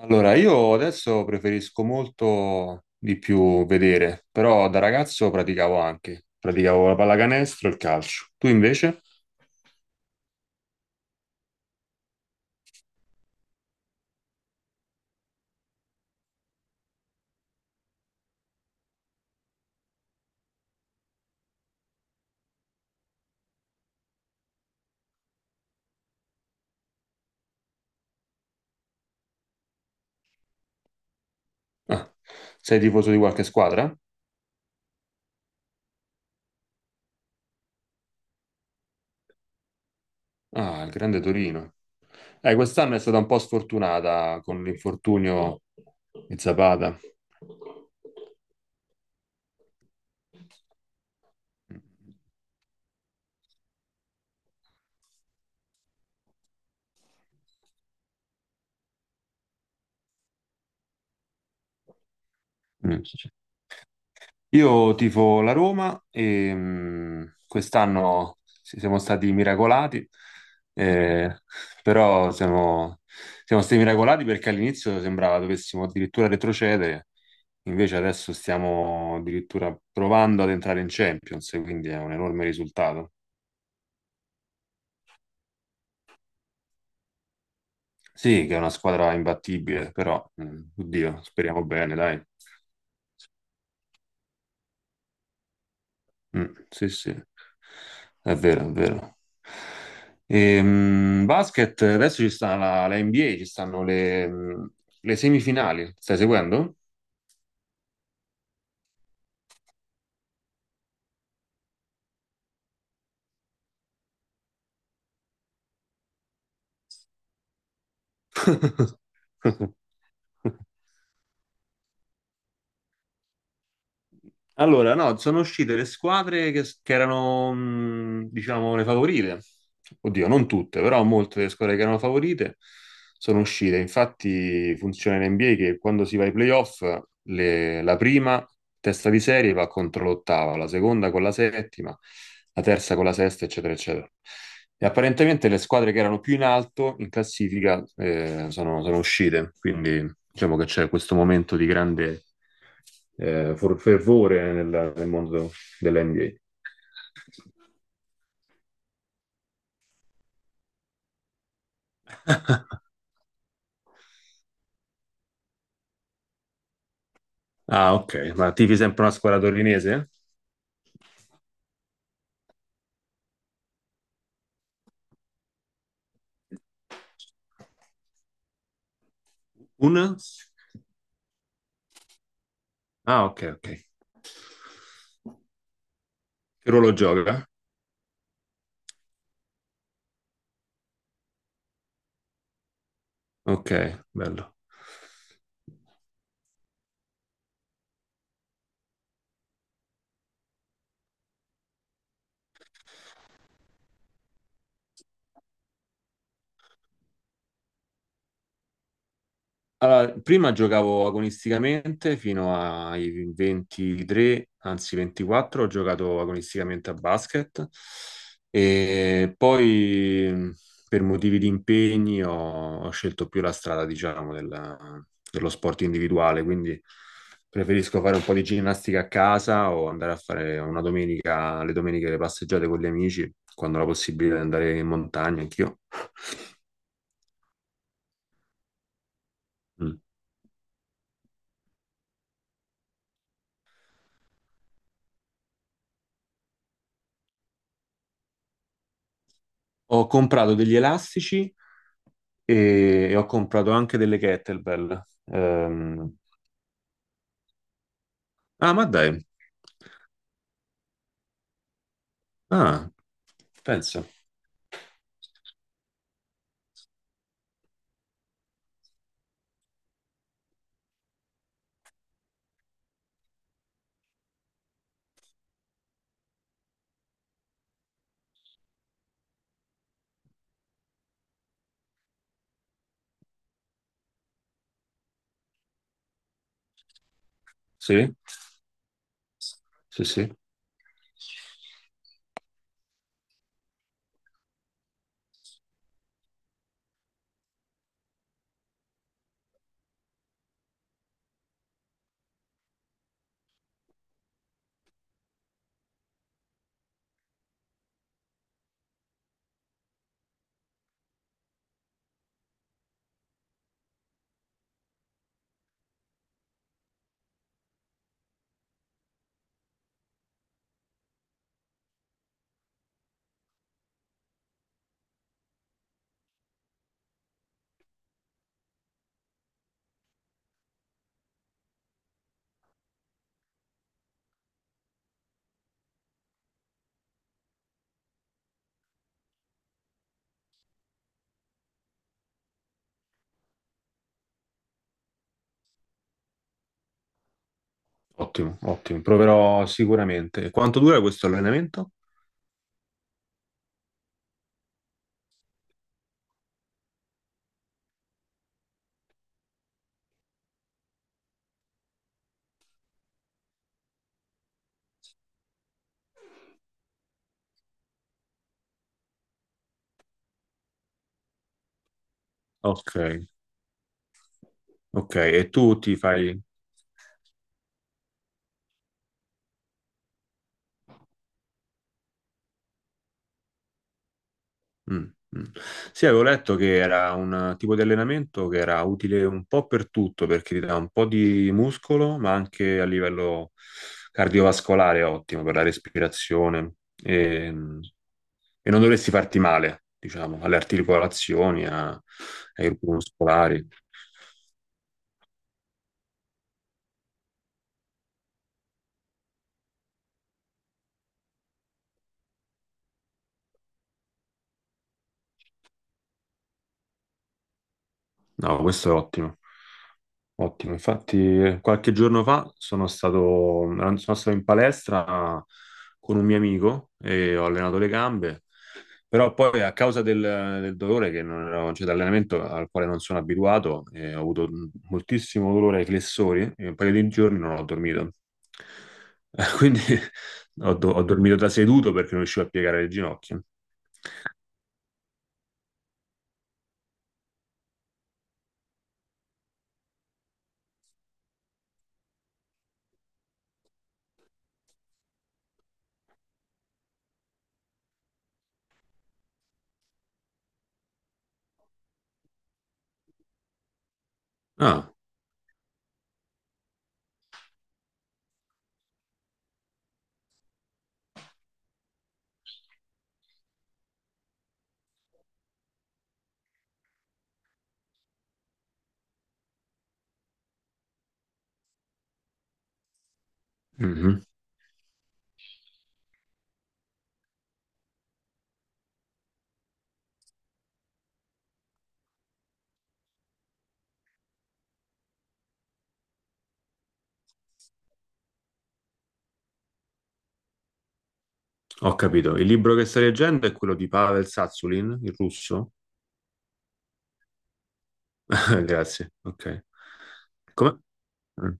Allora, io adesso preferisco molto di più vedere, però da ragazzo praticavo anche, praticavo la pallacanestro e il calcio. Tu invece? Ah, sei tifoso di qualche squadra? Ah, il grande Torino. Quest'anno è stata un po' sfortunata con l'infortunio di Zapata. Mm. Mm. Io tifo la Roma e quest'anno siamo stati miracolati, eh, però siamo, siamo stati miracolati perché all'inizio sembrava dovessimo addirittura retrocedere, invece adesso stiamo addirittura provando ad entrare in Champions, e quindi è un enorme risultato. Sì, che è una squadra imbattibile, però oddio, speriamo bene, dai. Mm, sì, sì, è vero, è vero. Basket, adesso ci sta la NBA, ci stanno le le semifinali. Stai seguendo? Allora, no, sono uscite le squadre che erano, diciamo, le favorite. Oddio, non tutte, però molte delle squadre che erano favorite sono uscite. Infatti funziona in NBA che quando si va ai playoff, la prima testa di serie va contro l'ottava, la seconda con la settima, la terza con la sesta, eccetera, eccetera. E apparentemente le squadre che erano più in alto in classifica sono, sono uscite, quindi diciamo che c'è questo momento di grande fervore nel mondo dell'NBA. Ah, ok. Ma tifi sempre una squadra torinese? Un? Ah, ok, ok. Che ruolo gioca? Ok, bello. Allora, prima giocavo agonisticamente fino ai 23, anzi 24, ho giocato agonisticamente a basket e poi per motivi di impegni ho scelto più la strada, diciamo, dello sport individuale, quindi preferisco fare un po' di ginnastica a casa o andare a fare una domenica, le domeniche le passeggiate con gli amici, quando ho la possibilità di andare in montagna, anch'io. Mm. Ho comprato degli elastici e ho comprato anche delle kettlebell. Ah, ma dai. Ah, pensa. Sì, sì, sì. Ottimo, ottimo. Proverò sicuramente. Quanto dura questo allenamento? Ok, ok. E tu ti fai... Mm, mm. Sì, avevo letto che era un tipo di allenamento che era utile un po' per tutto, perché ti dà un po' di muscolo, ma anche a livello cardiovascolare è ottimo per la respirazione. E, e non dovresti farti male, diciamo, alle articolazioni, ai gruppi muscolari. No, questo è ottimo. Ottimo, infatti qualche giorno fa sono stato in palestra con un mio amico e ho allenato le gambe, però poi a causa del dolore che non ero, cioè dell'allenamento al quale non sono abituato, ho avuto moltissimo dolore ai flessori e un paio di giorni non ho dormito. Quindi ho dormito da seduto perché non riuscivo a piegare le ginocchia. Ah, mhm, ho capito. Il libro che stai leggendo è quello di Pavel Satsulin, il russo? Grazie, ok. Come? Mm,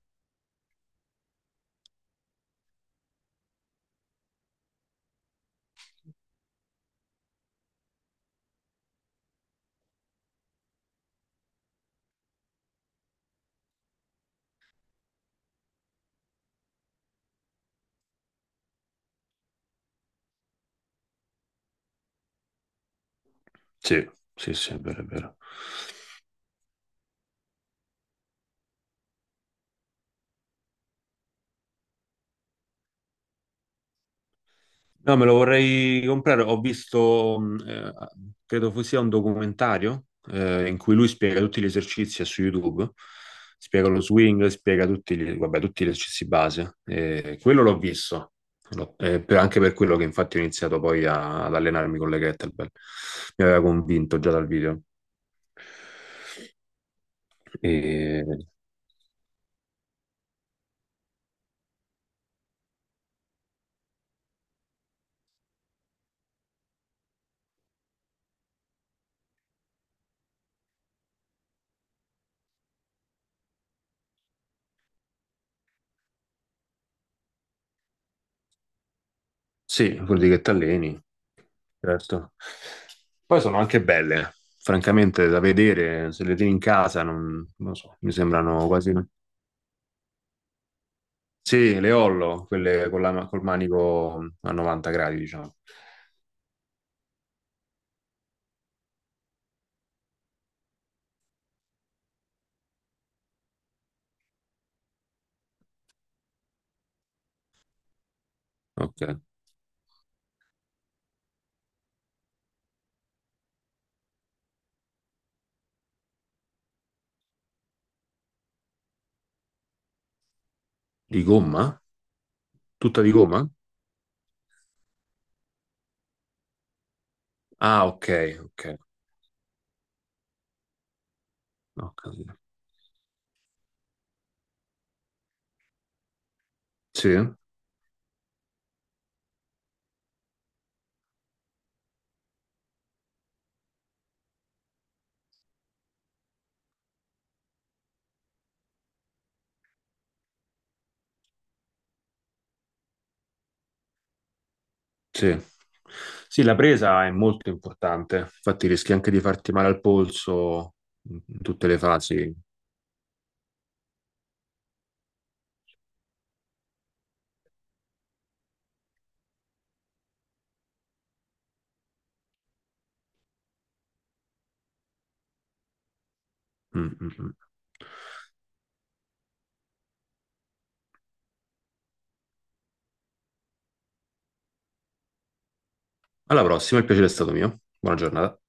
sì, sì, sì, è vero, è vero. No, me lo vorrei comprare. Ho visto, credo fosse un documentario in cui lui spiega tutti gli esercizi su YouTube. Spiega lo swing, spiega tutti gli, vabbè, tutti gli esercizi base. Quello l'ho visto. Anche per quello che infatti ho iniziato poi ad allenarmi con le kettlebell. Mi aveva convinto già dal video. E sì, vuol dire che ti alleni, certo. Poi sono anche belle, francamente, da vedere, se le tieni in casa, non, non so, mi sembrano quasi... no. Sì, le Hollow, quelle con col manico a 90 gradi, diciamo. Ok. Di gomma? Tutta di gomma? Ah, ok, ok. Ho capito. Sì, sì. Sì, la presa è molto importante, infatti rischi anche di farti male al polso in in tutte le fasi. Mm, mm, mm. Alla prossima, il piacere è stato mio. Buona giornata.